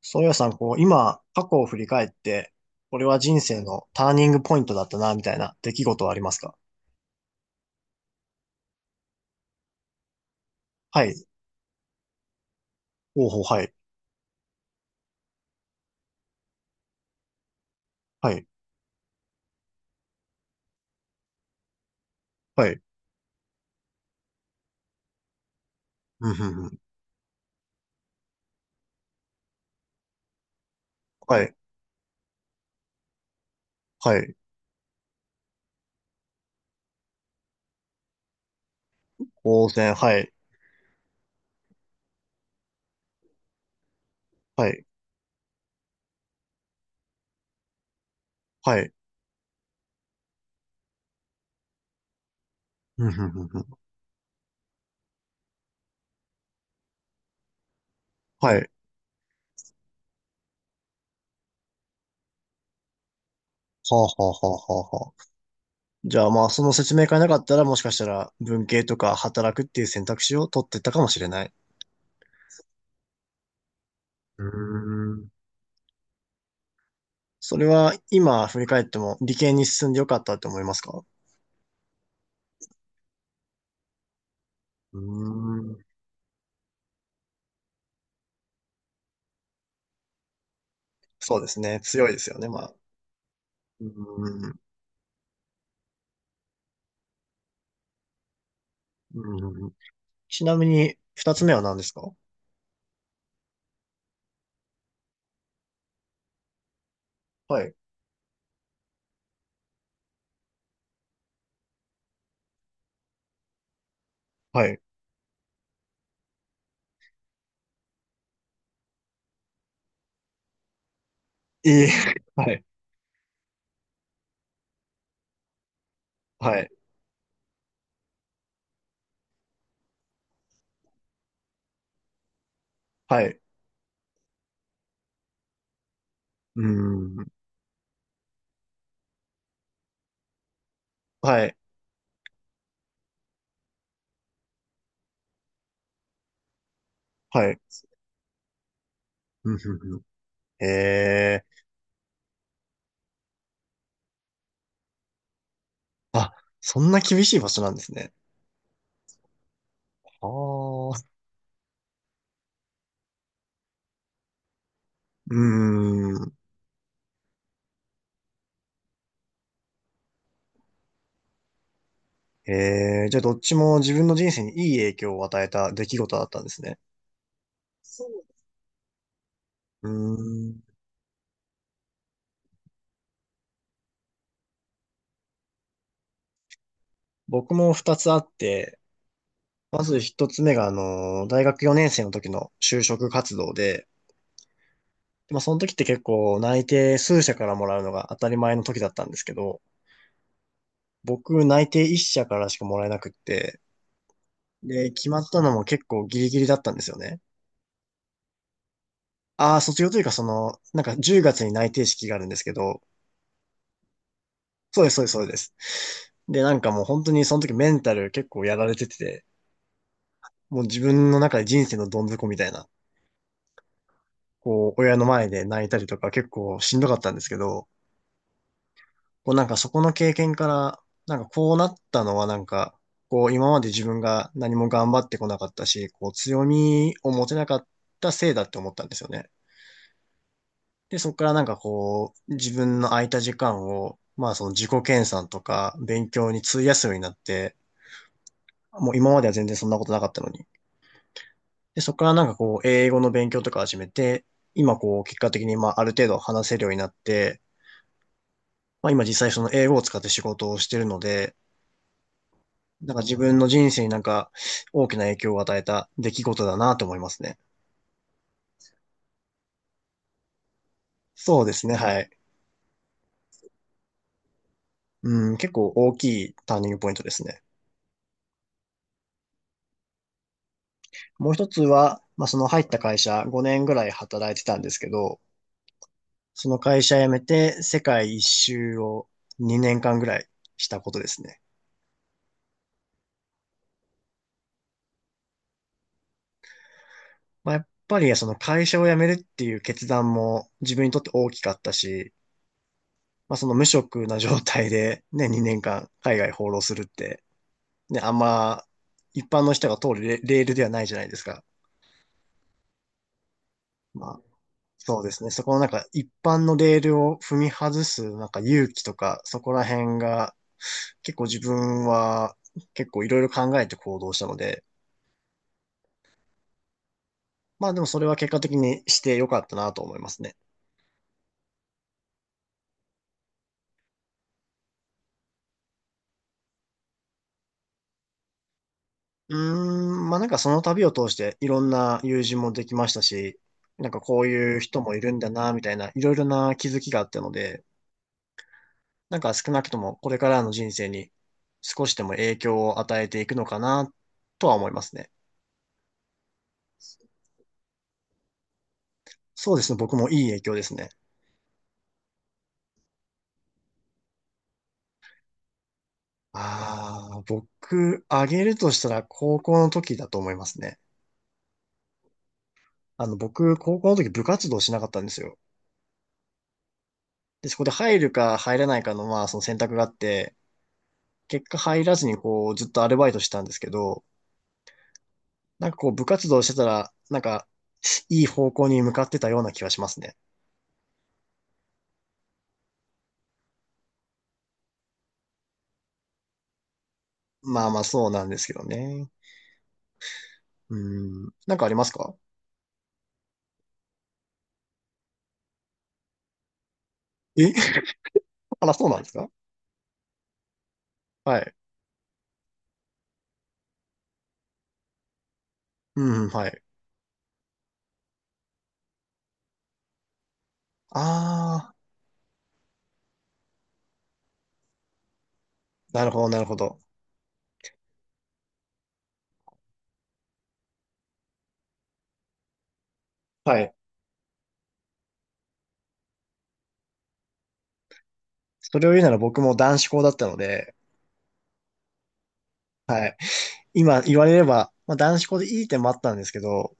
そうやさん、こう、今、過去を振り返って、これは人生のターニングポイントだったな、みたいな出来事はありますか？はい。ほうほう、はい。はい。はい。うん、ふんふん。はい。はい。当然、はい。はい。はい。うん、ふんふんふん。はい。はあ、はあ、はあ、はあ、はあ。じゃあ、まあ、その説明会なかったら、もしかしたら、文系とか働くっていう選択肢を取ってたかもしれない。うーん。それは、今、振り返っても、理系に進んでよかったって思いますか？うーん。そうですね。強いですよね、まあ。うーん、うーん。ちなみに、二つ目は何ですか？はい。はい。ええ はい。はい。はい。うーん。はい。はい。うんふんふん。ええ。あ、そんな厳しい場所なんですね。はあ。うーん。ええ。じゃあどっちも自分の人生にいい影響を与えた出来事だったんですね。うーん。僕も二つあって、まず一つ目が、あの、大学4年生の時の就職活動で、まあ、その時って結構内定数社からもらうのが当たり前の時だったんですけど、僕内定1社からしかもらえなくって、で、決まったのも結構ギリギリだったんですよね。ああ、卒業というかその、なんか10月に内定式があるんですけど、そうです、そうです、そうです。で、なんかもう本当にその時メンタル結構やられてて、もう自分の中で人生のどん底みたいな、こう、親の前で泣いたりとか結構しんどかったんですけど、こうなんかそこの経験から、なんかこうなったのはなんか、こう今まで自分が何も頑張ってこなかったし、こう強みを持てなかったせいだって思ったんですよね。で、そこからなんかこう、自分の空いた時間を、まあその自己研鑽とか勉強に費やすようになって、もう今までは全然そんなことなかったのに。で、そこからなんかこう、英語の勉強とか始めて、今こう、結果的にまあある程度話せるようになって、まあ今実際その英語を使って仕事をしてるので、なんか自分の人生になんか大きな影響を与えた出来事だなと思いますね。そうですね、はい。うん、結構大きいターニングポイントですね。もう一つは、まあ、その入った会社5年ぐらい働いてたんですけど、その会社辞めて世界一周を2年間ぐらいしたことですね。まあ、やっぱりその会社を辞めるっていう決断も自分にとって大きかったし、まあ、その無職な状態でね、2年間海外放浪するって、ね、あんま一般の人が通るレレールではないじゃないですか。まあ、そうですね。そこのなんか一般のレールを踏み外すなんか勇気とか、そこら辺が結構自分は結構いろいろ考えて行動したので、まあでもそれは結果的にしてよかったなと思いますね。うーん、まあなんかその旅を通していろんな友人もできましたし、なんかこういう人もいるんだな、みたいな、いろいろな気づきがあったので、なんか少なくともこれからの人生に少しでも影響を与えていくのかなとは思いますね。そうですね。僕もいい影響ですね。ああ、僕、あげるとしたら高校の時だと思いますね。あの、僕、高校の時部活動しなかったんですよ。で、そこで入るか入らないかの、まあ、その選択があって、結果入らずにこう、ずっとアルバイトしてたんですけど、なんかこう、部活動してたら、なんか、いい方向に向かってたような気がしますね。まあまあ、そうなんですけどね。うん。なんかありますか？え あら、そうなんですか？はい。うん、はい。あー、なるほど、なるほど。はい。それを言うなら僕も男子校だったので、はい。今言われれば、まあ、男子校でいい点もあったんですけど、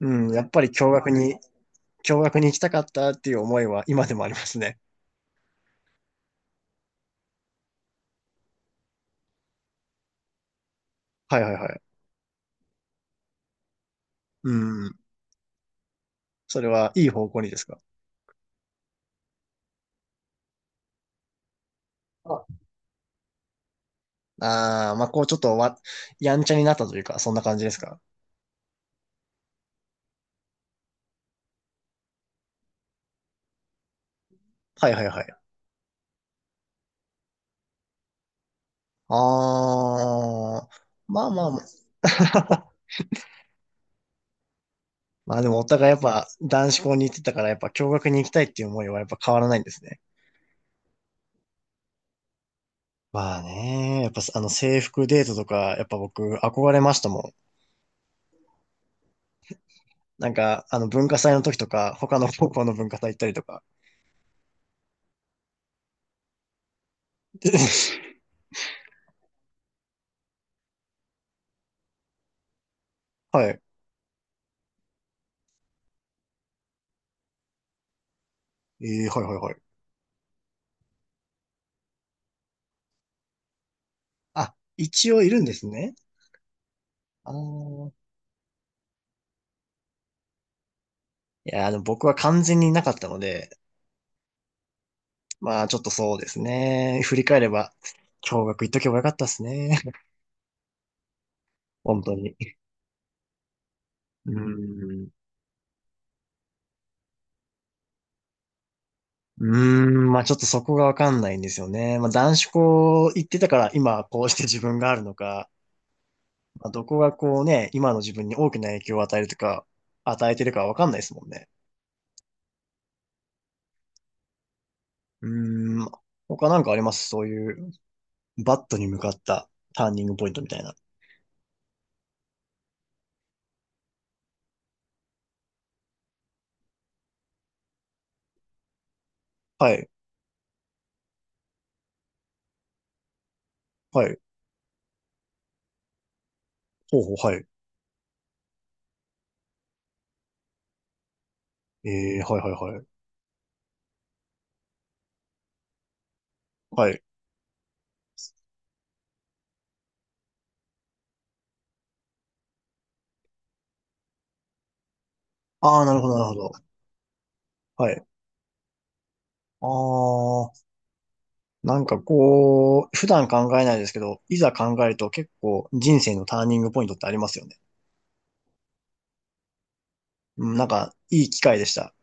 うん、やっぱり共学に行きたかったっていう思いは今でもありますね。はいはいはい。うん。それはいい方向にですか？ああー、まあ、こうちょっとやんちゃになったというか、そんな感じですか？はいはいはい。ああ、まあまあまあ。まあでもお互いやっぱ男子校に行ってたからやっぱ共学に行きたいっていう思いはやっぱ変わらないんですね。まあね、やっぱあの制服デートとかやっぱ僕憧れましたもん。なんかあの文化祭の時とか他の高校の文化祭行ったりとか。で はい。えー、はいはいはい。あ、一応いるんですね。あのいや、あの僕は完全にいなかったので、まあちょっとそうですね。振り返れば、共学行っとけばよかったですね。本当に。うん。うーん、まあちょっとそこがわかんないんですよね。まあ男子校行ってたから今こうして自分があるのか、まあどこがこうね、今の自分に大きな影響を与えるとか、与えてるかわかんないですもんね。うーん、他なんかありますそういう、バットに向かったターニングポイントみたいな？はい、はい、ほうほう、はい。えー、はい、はい、はい。はい。ああ、なるほど、なるほど。はい。ああ、なんかこう、普段考えないですけど、いざ考えると結構人生のターニングポイントってありますよね。うん、なんか、いい機会でした。